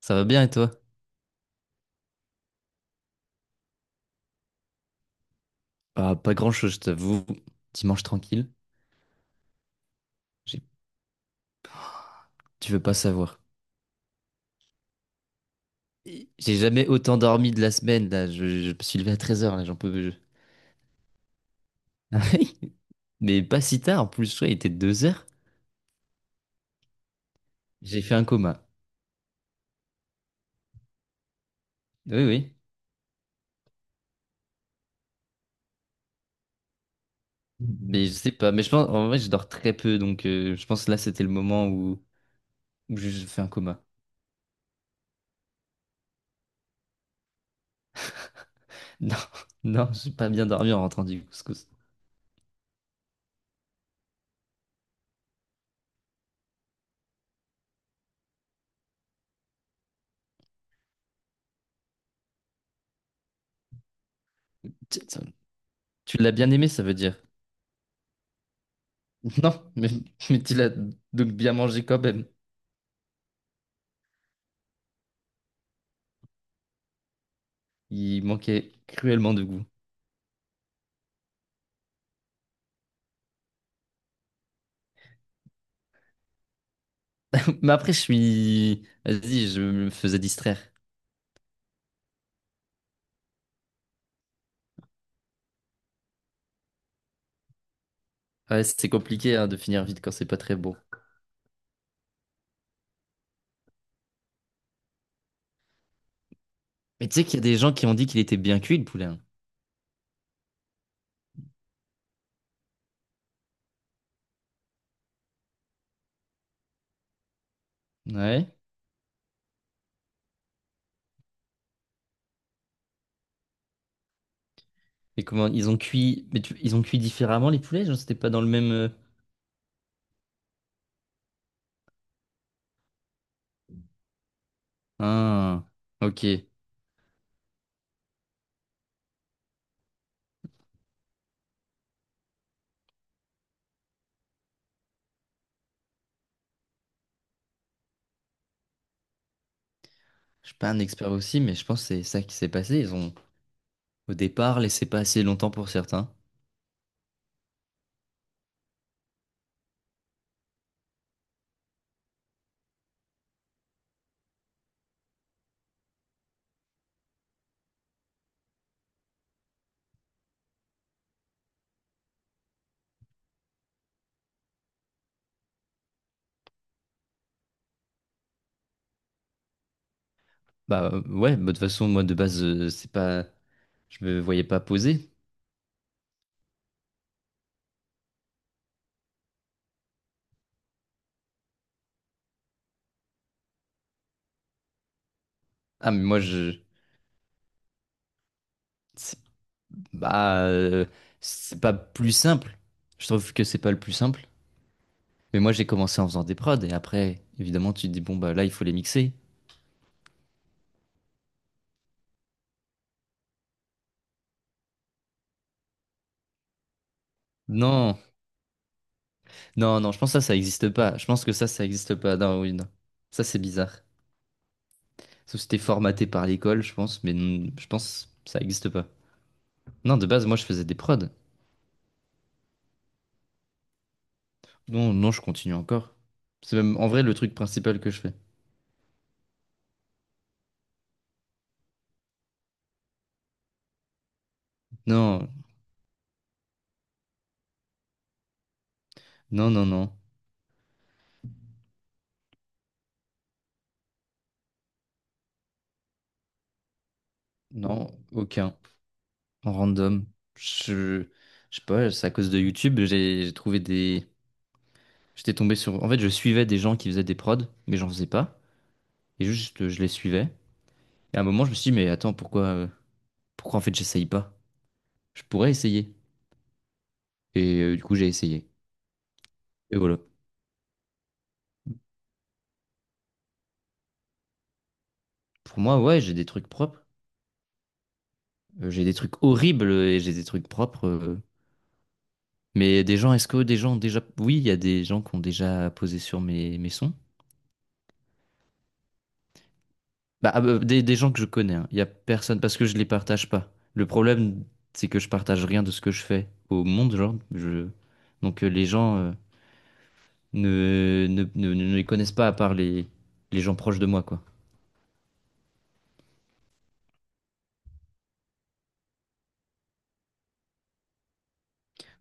Ça va bien et toi? Ah, pas grand-chose, je t'avoue. Dimanche tranquille. J'ai- Tu veux pas savoir. J'ai jamais autant dormi de la semaine, là. Je me suis levé à 13h là, j'en peux plus. Ah oui. Mais pas si tard, en plus, ouais, il était 2h. J'ai fait un coma. Oui, oui. Mais je sais pas. Mais je pense, en vrai, je dors très peu, donc je pense que là, c'était le moment où je fais un coma. Non, non, j'ai pas bien dormi en rentrant du couscous. Tu tu l'as bien aimé, ça veut dire. Non, mais tu l'as donc bien mangé quand même. Il manquait cruellement de goût. Mais après, je suis... Vas-y, je me faisais distraire. Ouais, c'est compliqué hein, de finir vite quand c'est pas très beau. Mais tu sais qu'il y a des gens qui ont dit qu'il était bien cuit, le poulet. Hein. Ouais. Et comment ils ont cuit... Mais ils ont cuit différemment, les poulets? Genre, c'était pas dans le même... Ah, ok. Je suis pas un expert aussi, mais je pense que c'est ça qui s'est passé. Ils ont, au départ, laissé pas assez longtemps pour certains. Bah ouais, bah, de toute façon, moi, de base, c'est pas... Je me voyais pas poser. Ah, mais moi, je... Bah, c'est pas plus simple. Je trouve que c'est pas le plus simple. Mais moi, j'ai commencé en faisant des prods et après, évidemment, tu te dis, bon, bah là, il faut les mixer. Non, non, non, je pense que ça existe pas. Je pense que ça existe pas. Non, oui, non. Ça, c'est bizarre. Sauf si c'était formaté par l'école, je pense, mais non, je pense que ça existe pas. Non, de base, moi, je faisais des prods. Non, non, je continue encore. C'est même, en vrai, le truc principal que je fais. Non, non, non, non. Non, aucun. En random. Je, je sais pas, c'est à cause de YouTube, j'ai trouvé des. J'étais tombé sur. En fait, je suivais des gens qui faisaient des prods, mais j'en faisais pas. Et juste, je les suivais. Et à un moment, je me suis dit, mais attends, pourquoi en fait, j'essaye pas? Je pourrais essayer. Et du coup, j'ai essayé. Et voilà. Pour moi, ouais, j'ai des trucs propres. J'ai des trucs horribles et j'ai des trucs propres. Mais des gens, est-ce que des gens ont déjà. Oui, il y a des gens qui ont déjà posé sur mes, sons. Bah, ah, bah, des gens que je connais, il n'y a personne, parce que je les partage pas. Le problème, c'est que je partage rien de ce que je fais au monde, genre. Je... Donc les gens ne les connaissent pas à part les gens proches de moi, quoi.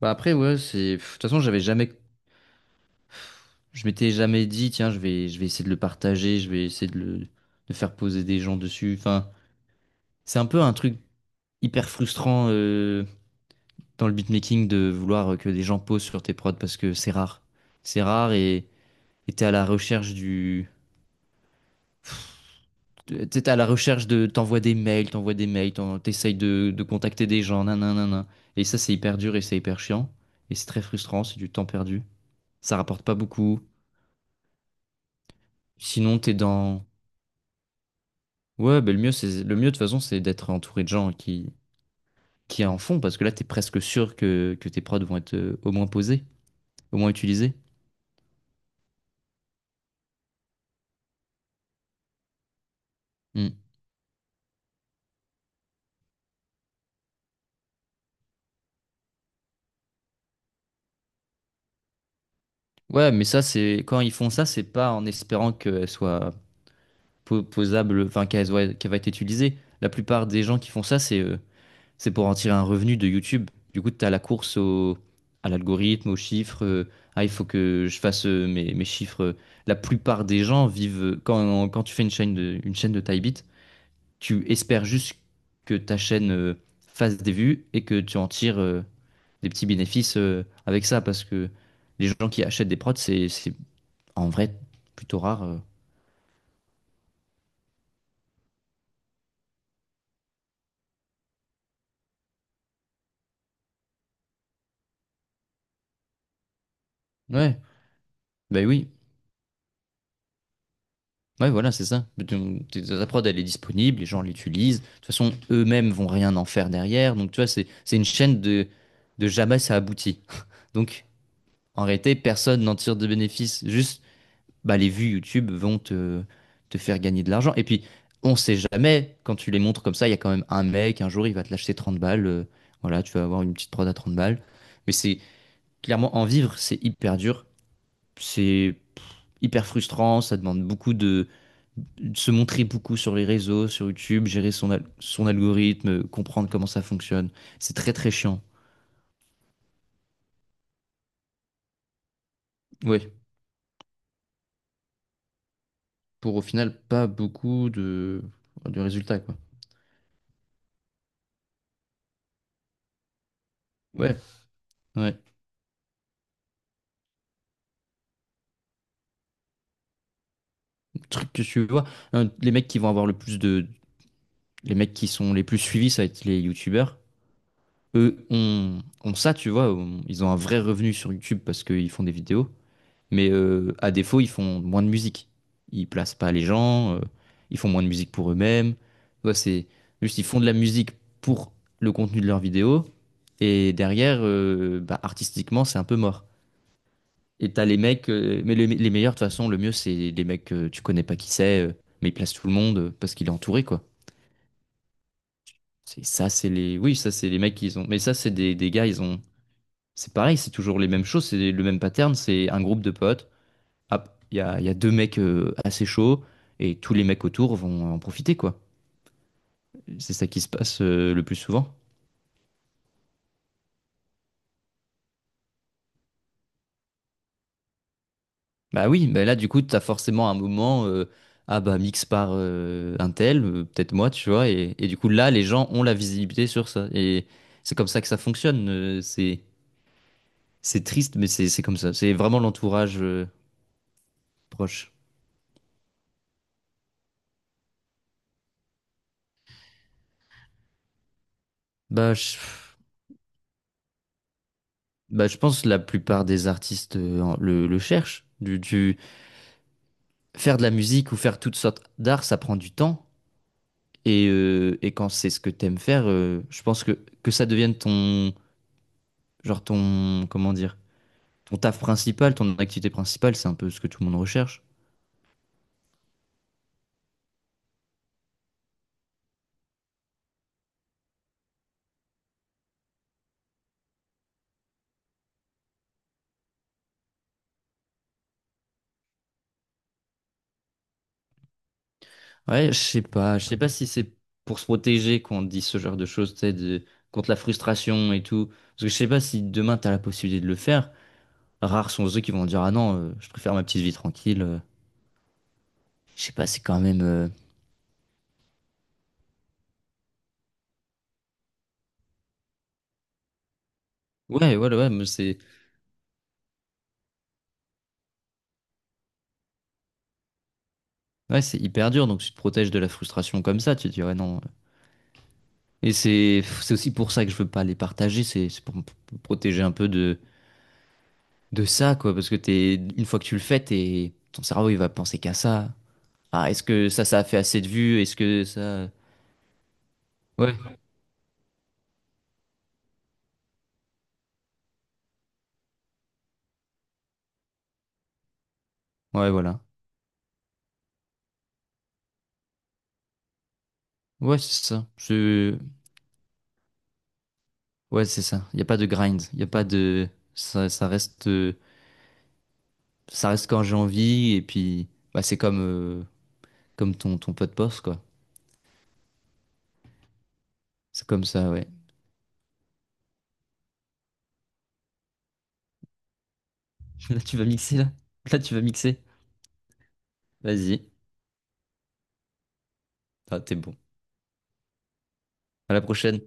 Bah après, ouais, c'est... pff, de toute façon, j'avais jamais... Je m'étais jamais dit, tiens, je vais essayer de le partager, je vais essayer de le de faire poser des gens dessus. Enfin, c'est un peu un truc hyper frustrant dans le beatmaking de vouloir que des gens posent sur tes prods parce que c'est rare. C'est rare et... Et t'es à la recherche du. T'es à la recherche de. T'envoies des mails, t'essayes de contacter des gens, nanana. Et ça, c'est hyper dur et c'est hyper chiant. Et c'est très frustrant, c'est du temps perdu. Ça rapporte pas beaucoup. Sinon, t'es dans. Ouais, ben le mieux, c'est le mieux de toute façon, c'est d'être entouré de gens qui en font, parce que là, t'es presque sûr que tes prods vont être au moins posés, au moins utilisés. Hmm. Ouais, mais ça, c'est quand ils font ça, c'est pas en espérant qu'elles soient posable, enfin, qui va être utilisée. La plupart des gens qui font ça, c'est pour en tirer un revenu de YouTube. Du coup, tu as la course au, à l'algorithme, aux chiffres. Ah, il faut que je fasse mes chiffres. La plupart des gens vivent, quand tu fais une chaîne de taille bit, tu espères juste que ta chaîne fasse des vues et que tu en tires des petits bénéfices avec ça parce que les gens qui achètent des prods, c'est en vrai plutôt rare. Ouais, bah oui. Ouais, voilà, c'est ça. Donc, ta prod, elle est disponible, les gens l'utilisent. De toute façon, eux-mêmes vont rien en faire derrière. Donc, tu vois, c'est une chaîne de jamais ça aboutit. Donc, en réalité, personne n'en tire de bénéfice. Juste, bah, les vues YouTube vont te faire gagner de l'argent. Et puis, on sait jamais, quand tu les montres comme ça, il y a quand même un mec, un jour, il va te lâcher 30 balles. Voilà, tu vas avoir une petite prod à 30 balles. Mais c'est clairement, en vivre, c'est hyper dur. C'est hyper frustrant. Ça demande beaucoup de se montrer beaucoup sur les réseaux, sur YouTube, gérer son algorithme, comprendre comment ça fonctionne. C'est très très chiant. Ouais, pour au final pas beaucoup de résultats quoi. Ouais, ouais. Le truc que tu vois, hein, les mecs qui vont avoir le plus de, les mecs qui sont les plus suivis, ça va être les YouTubers. Eux ont, ça, tu vois, ils ont un vrai revenu sur YouTube parce qu'ils font des vidéos. Mais à défaut, ils font moins de musique. Ils placent pas les gens, ils font moins de musique pour eux-mêmes. Tu vois, c'est juste, ils font de la musique pour le contenu de leurs vidéos. Et derrière, bah, artistiquement, c'est un peu mort. Et t'as les mecs, mais les meilleurs, de toute façon, le mieux, c'est les mecs que tu connais pas qui c'est, mais ils placent tout le monde parce qu'il est entouré, quoi. C'est ça, c'est les. Oui, ça, c'est les mecs qu'ils ont. Mais ça, c'est des, gars, ils ont. C'est pareil, c'est toujours les mêmes choses, c'est le même pattern, c'est un groupe de potes ah, il y a deux mecs assez chauds et tous les mecs autour vont en profiter, quoi. C'est ça qui se passe le plus souvent. Bah oui, bah là, du coup, t'as forcément un moment, ah bah, mix par un tel, peut-être moi, tu vois, et du coup, là, les gens ont la visibilité sur ça. Et c'est comme ça que ça fonctionne. C'est triste, mais c'est comme ça. C'est vraiment l'entourage proche. Bah je, bah, je pense que la plupart des artistes en- le cherchent. Faire de la musique ou faire toutes sortes d'art, ça prend du temps. Et quand c'est ce que t'aimes faire, je pense que, ça devienne ton, genre ton, comment dire, ton taf principal, ton activité principale, c'est un peu ce que tout le monde recherche. Ouais, je sais pas si c'est pour se protéger qu'on dit ce genre de choses, tu sais, contre la frustration et tout. Parce que je sais pas si demain t'as la possibilité de le faire. Rares sont ceux qui vont dire, ah non, je préfère ma petite vie tranquille. Je sais pas, c'est quand même, ouais, ouais, ouais, mais c'est, ouais, c'est hyper dur. Donc tu te protèges de la frustration comme ça. Tu te dis, ouais, non. Et c'est aussi pour ça que je veux pas les partager, c'est pour me protéger un peu de, ça, quoi. Parce que t'es, une fois que tu le fais, t'es, ton cerveau, il va penser qu'à ça. Ah, est-ce que ça a fait assez de vues? Est-ce que ça... Ouais, ouais, voilà. Ouais, c'est ça. Je... Ouais, c'est ça. Il n'y a pas de grind. Il n'y a pas de... Ça reste... ça reste quand j'ai envie. Et puis, bah, c'est comme ton, pot de poste, quoi. C'est comme ça, ouais. Là, tu vas mixer, là. Là, tu vas mixer. Vas-y. Ah, t'es bon. À la prochaine.